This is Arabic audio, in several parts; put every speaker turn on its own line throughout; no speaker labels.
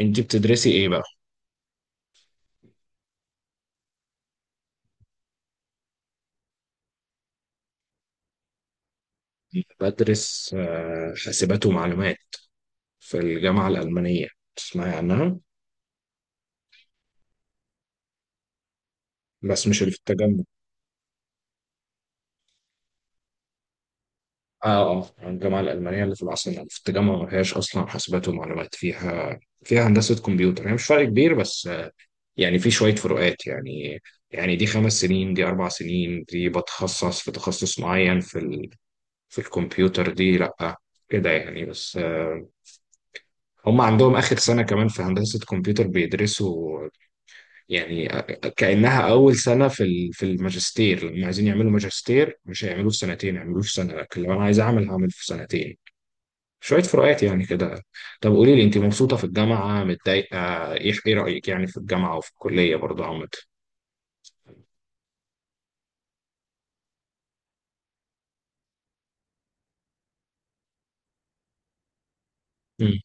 انت بتدرسي ايه بقى؟ بدرس حاسبات ومعلومات في الجامعة الألمانية. تسمعي عنها؟ بس مش اللي في التجمع. اه، اه، الجامعة الألمانية اللي في العاصمة في التجمع ما فيهاش أصلا حاسبات ومعلومات فيها. فيها هندسة كمبيوتر، هي مش فرق كبير، بس يعني في شوية فروقات يعني. يعني دي 5 سنين، دي 4 سنين، دي بتخصص في تخصص معين في الكمبيوتر، دي لأ كده يعني، بس هم عندهم آخر سنة كمان في هندسة كمبيوتر بيدرسوا، يعني كأنها أول سنة في الماجستير، لما عايزين يعملوا ماجستير مش هيعملوه في سنتين، هيعملوه في سنة، لكن لو أنا عايز أعمل هعمل في سنتين. شوية فروقات يعني كده. طب قولي لي، أنت مبسوطة في الجامعة، متضايقة، إيه؟ إيه رأيك يعني في الجامعة وفي الكلية برضه عامة؟ مم.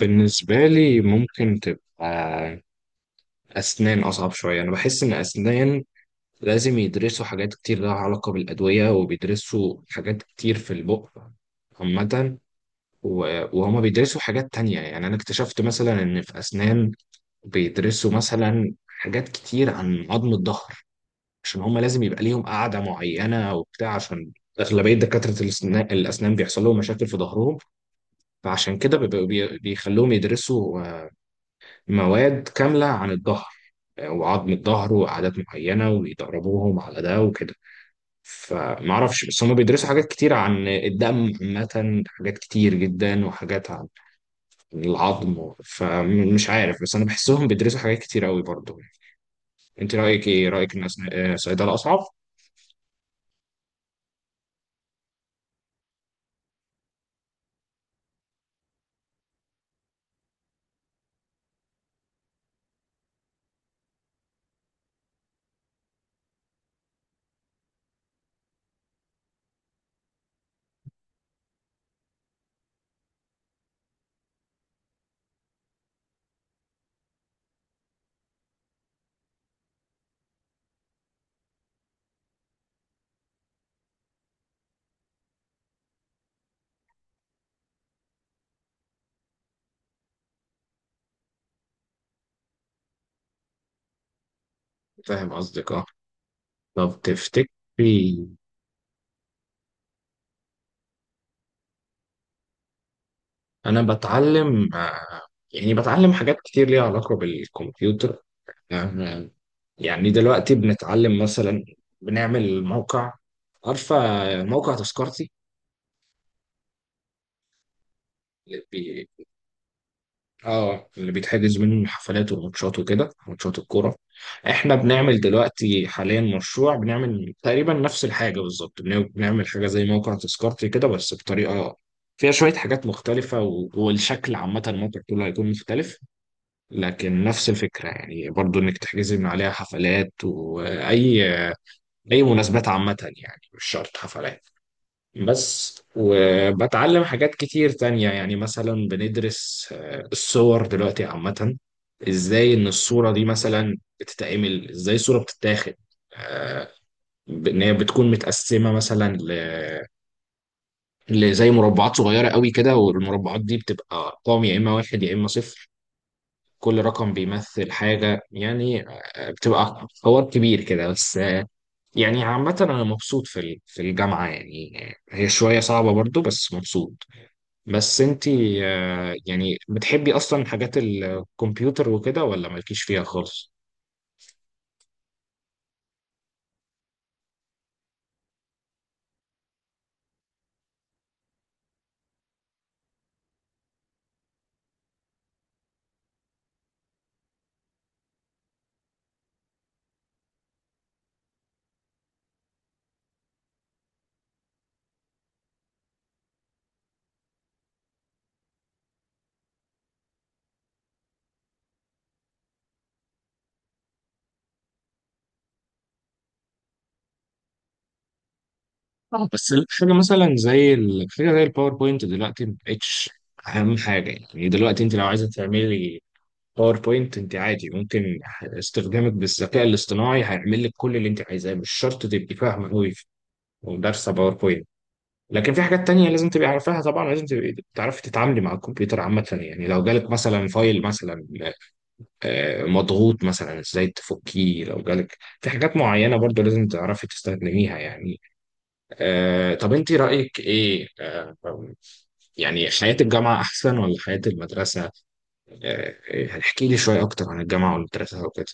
بالنسبة لي، ممكن تبقى أسنان أصعب شوية، أنا بحس إن أسنان لازم يدرسوا حاجات كتير لها علاقة بالأدوية، وبيدرسوا حاجات كتير في البق عامة. وهما بيدرسوا حاجات تانية، يعني أنا اكتشفت مثلا إن في أسنان بيدرسوا مثلا حاجات كتير عن عظم الظهر، عشان هما لازم يبقى ليهم قاعدة معينة وبتاع، عشان أغلبية دكاترة الأسنان بيحصل لهم مشاكل في ظهرهم. فعشان كده بيخلوهم يدرسوا مواد كاملة عن الظهر، وعظم الظهر وعادات معينة، ويدربوهم على ده وكده. فمعرفش، بس هما بيدرسوا حاجات كتير عن الدم عامة، حاجات كتير جدا وحاجات العظم، فمش عارف، بس انا بحسهم بيدرسوا حاجات كتير قوي برضو. انت رايك ايه، رايك ان صيدله اصعب؟ فاهم قصدك، اه. طب تفتكري. انا بتعلم يعني بتعلم حاجات كتير ليها علاقه بالكمبيوتر، آه، يعني دلوقتي بنتعلم مثلا، بنعمل موقع، عارفه موقع تذكرتي؟ اه، اللي بيتحجز منه الحفلات والماتشات وكده، ماتشات الكوره. احنا بنعمل دلوقتي حاليا مشروع، بنعمل تقريبا نفس الحاجه بالظبط، بنعمل حاجه زي موقع تذكرتي كده، بس بطريقه فيها شويه حاجات مختلفه، والشكل عامه الموقع كله هيكون مختلف، لكن نفس الفكره يعني، برضو انك تحجزي من عليها حفلات، واي اي مناسبات عامه، يعني مش شرط حفلات بس. وبتعلم حاجات كتير تانية، يعني مثلا بندرس الصور دلوقتي عامة، ازاي ان الصورة دي مثلا بتتعمل، ازاي الصورة بتتاخد، آه، ان هي بتكون متقسمة مثلا لزي مربعات صغيرة قوي كده، والمربعات دي بتبقى ارقام، يا اما واحد يا اما صفر، كل رقم بيمثل حاجة، يعني بتبقى حوار كبير كده. بس يعني عامة أنا مبسوط في الجامعة يعني، هي شوية صعبة برضو، بس مبسوط. بس انتي يعني بتحبي اصلا حاجات الكمبيوتر وكده، ولا مالكيش فيها خالص؟ اه، بس حاجه مثلا حاجه زي الباوربوينت دلوقتي مبقتش اهم حاجه. يعني دلوقتي انت لو عايزه تعملي باوربوينت، انت عادي ممكن استخدامك بالذكاء الاصطناعي هيعمل لك كل اللي انت عايزاه، مش شرط تبقي فاهمه قوي ودارسه باوربوينت. لكن في حاجات تانية لازم تبقي عارفاها، طبعا لازم تبقي تعرفي تتعاملي مع الكمبيوتر عامة، يعني لو جالك مثلا فايل مثلا مضغوط، مثلا ازاي تفكيه، لو جالك في حاجات معينة برضو لازم تعرفي تستخدميها يعني. طب انت رأيك ايه، يعني حياة الجامعة احسن ولا حياة المدرسة؟ آه، احكي لي شوية اكتر عن الجامعة والمدرسة وكده.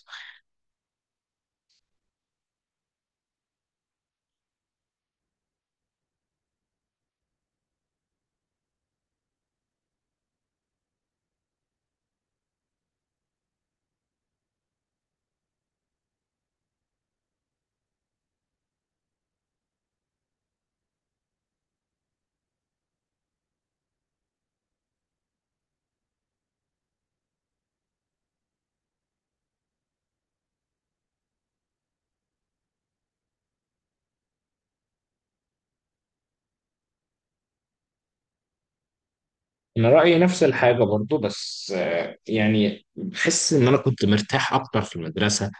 انا رأيي نفس الحاجة برضو، بس يعني بحس ان انا كنت مرتاح اكتر في المدرسة،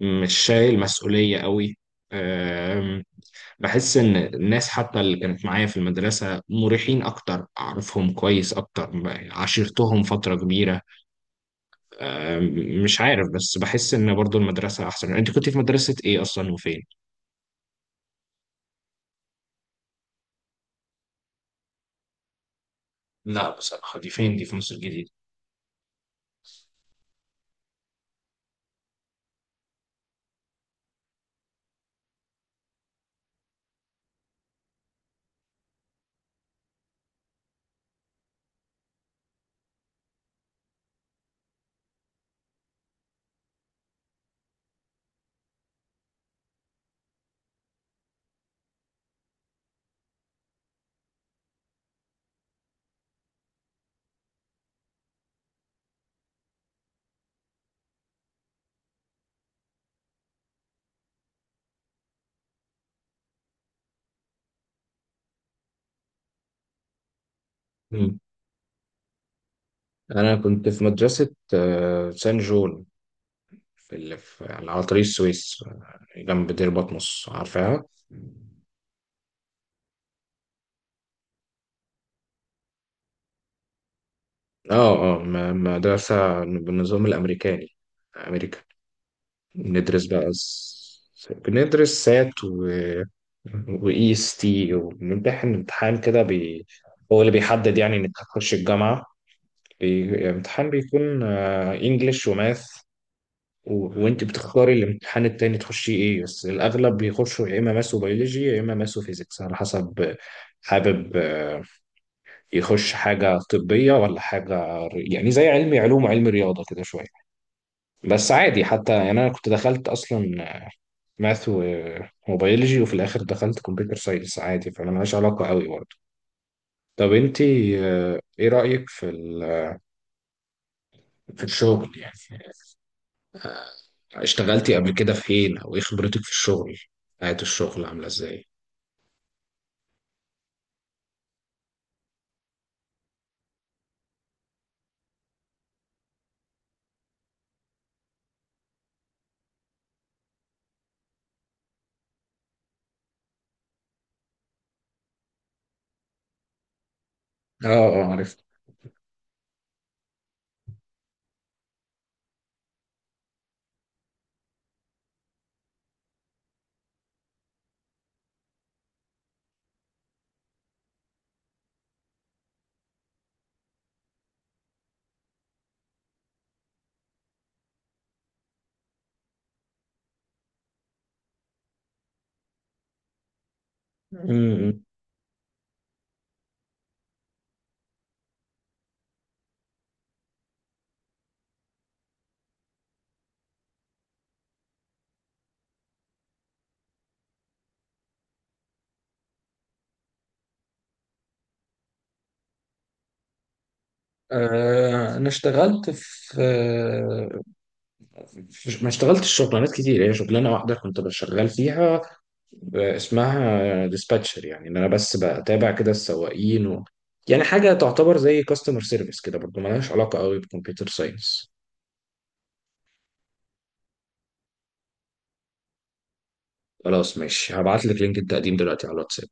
مش شايل مسؤولية قوي، بحس ان الناس حتى اللي كانت معايا في المدرسه مريحين اكتر، اعرفهم كويس اكتر، عاشرتهم فتره كبيره. أم، مش عارف، بس بحس ان برضو المدرسه احسن. انت كنت في مدرسه ايه اصلا، وفين؟ لا بصراحه، دي فين؟ دي في مصر الجديده؟ مم. انا كنت في مدرسه سان جول، في اللي في على طريق السويس، جنب دير بطمس، عارفاها؟ اه، اه، مدرسه بالنظام الامريكاني، امريكان. ندرس بقى بندرس سات وEST، وبنمتحن امتحان كده، هو اللي بيحدد يعني إنك هتخش الجامعة، امتحان بيكون انجلش وماث، وانت بتختاري الامتحان التاني تخشي ايه، بس الأغلب بيخشوا يا إما ماث وبيولوجي يا إما ماث وفيزيكس، على حسب حابب يخش حاجة طبية ولا حاجة يعني زي علمي علوم وعلم رياضة كده شوية، بس عادي حتى، يعني انا كنت دخلت اصلا ماث وبيولوجي وفي الاخر دخلت كمبيوتر ساينس عادي، فانا ملهاش علاقه قوي برضه. طب انت ايه رايك في الشغل يعني، اشتغلتي قبل كده فين، او ايه خبرتك في الشغل، حياه الشغل عامله ازاي؟ اه، اه، عرفت. امم. انا اشتغلت في ما اشتغلتش شغلانات كتير، هي شغلانه واحده كنت بشتغل فيها، اسمها ديسباتشر، يعني ان انا بس بتابع كده السواقين، يعني حاجه تعتبر زي كاستمر سيرفيس كده، برضو ملهاش علاقه قوي بكمبيوتر ساينس. خلاص ماشي، هبعت لك لينك التقديم دلوقتي على الواتساب.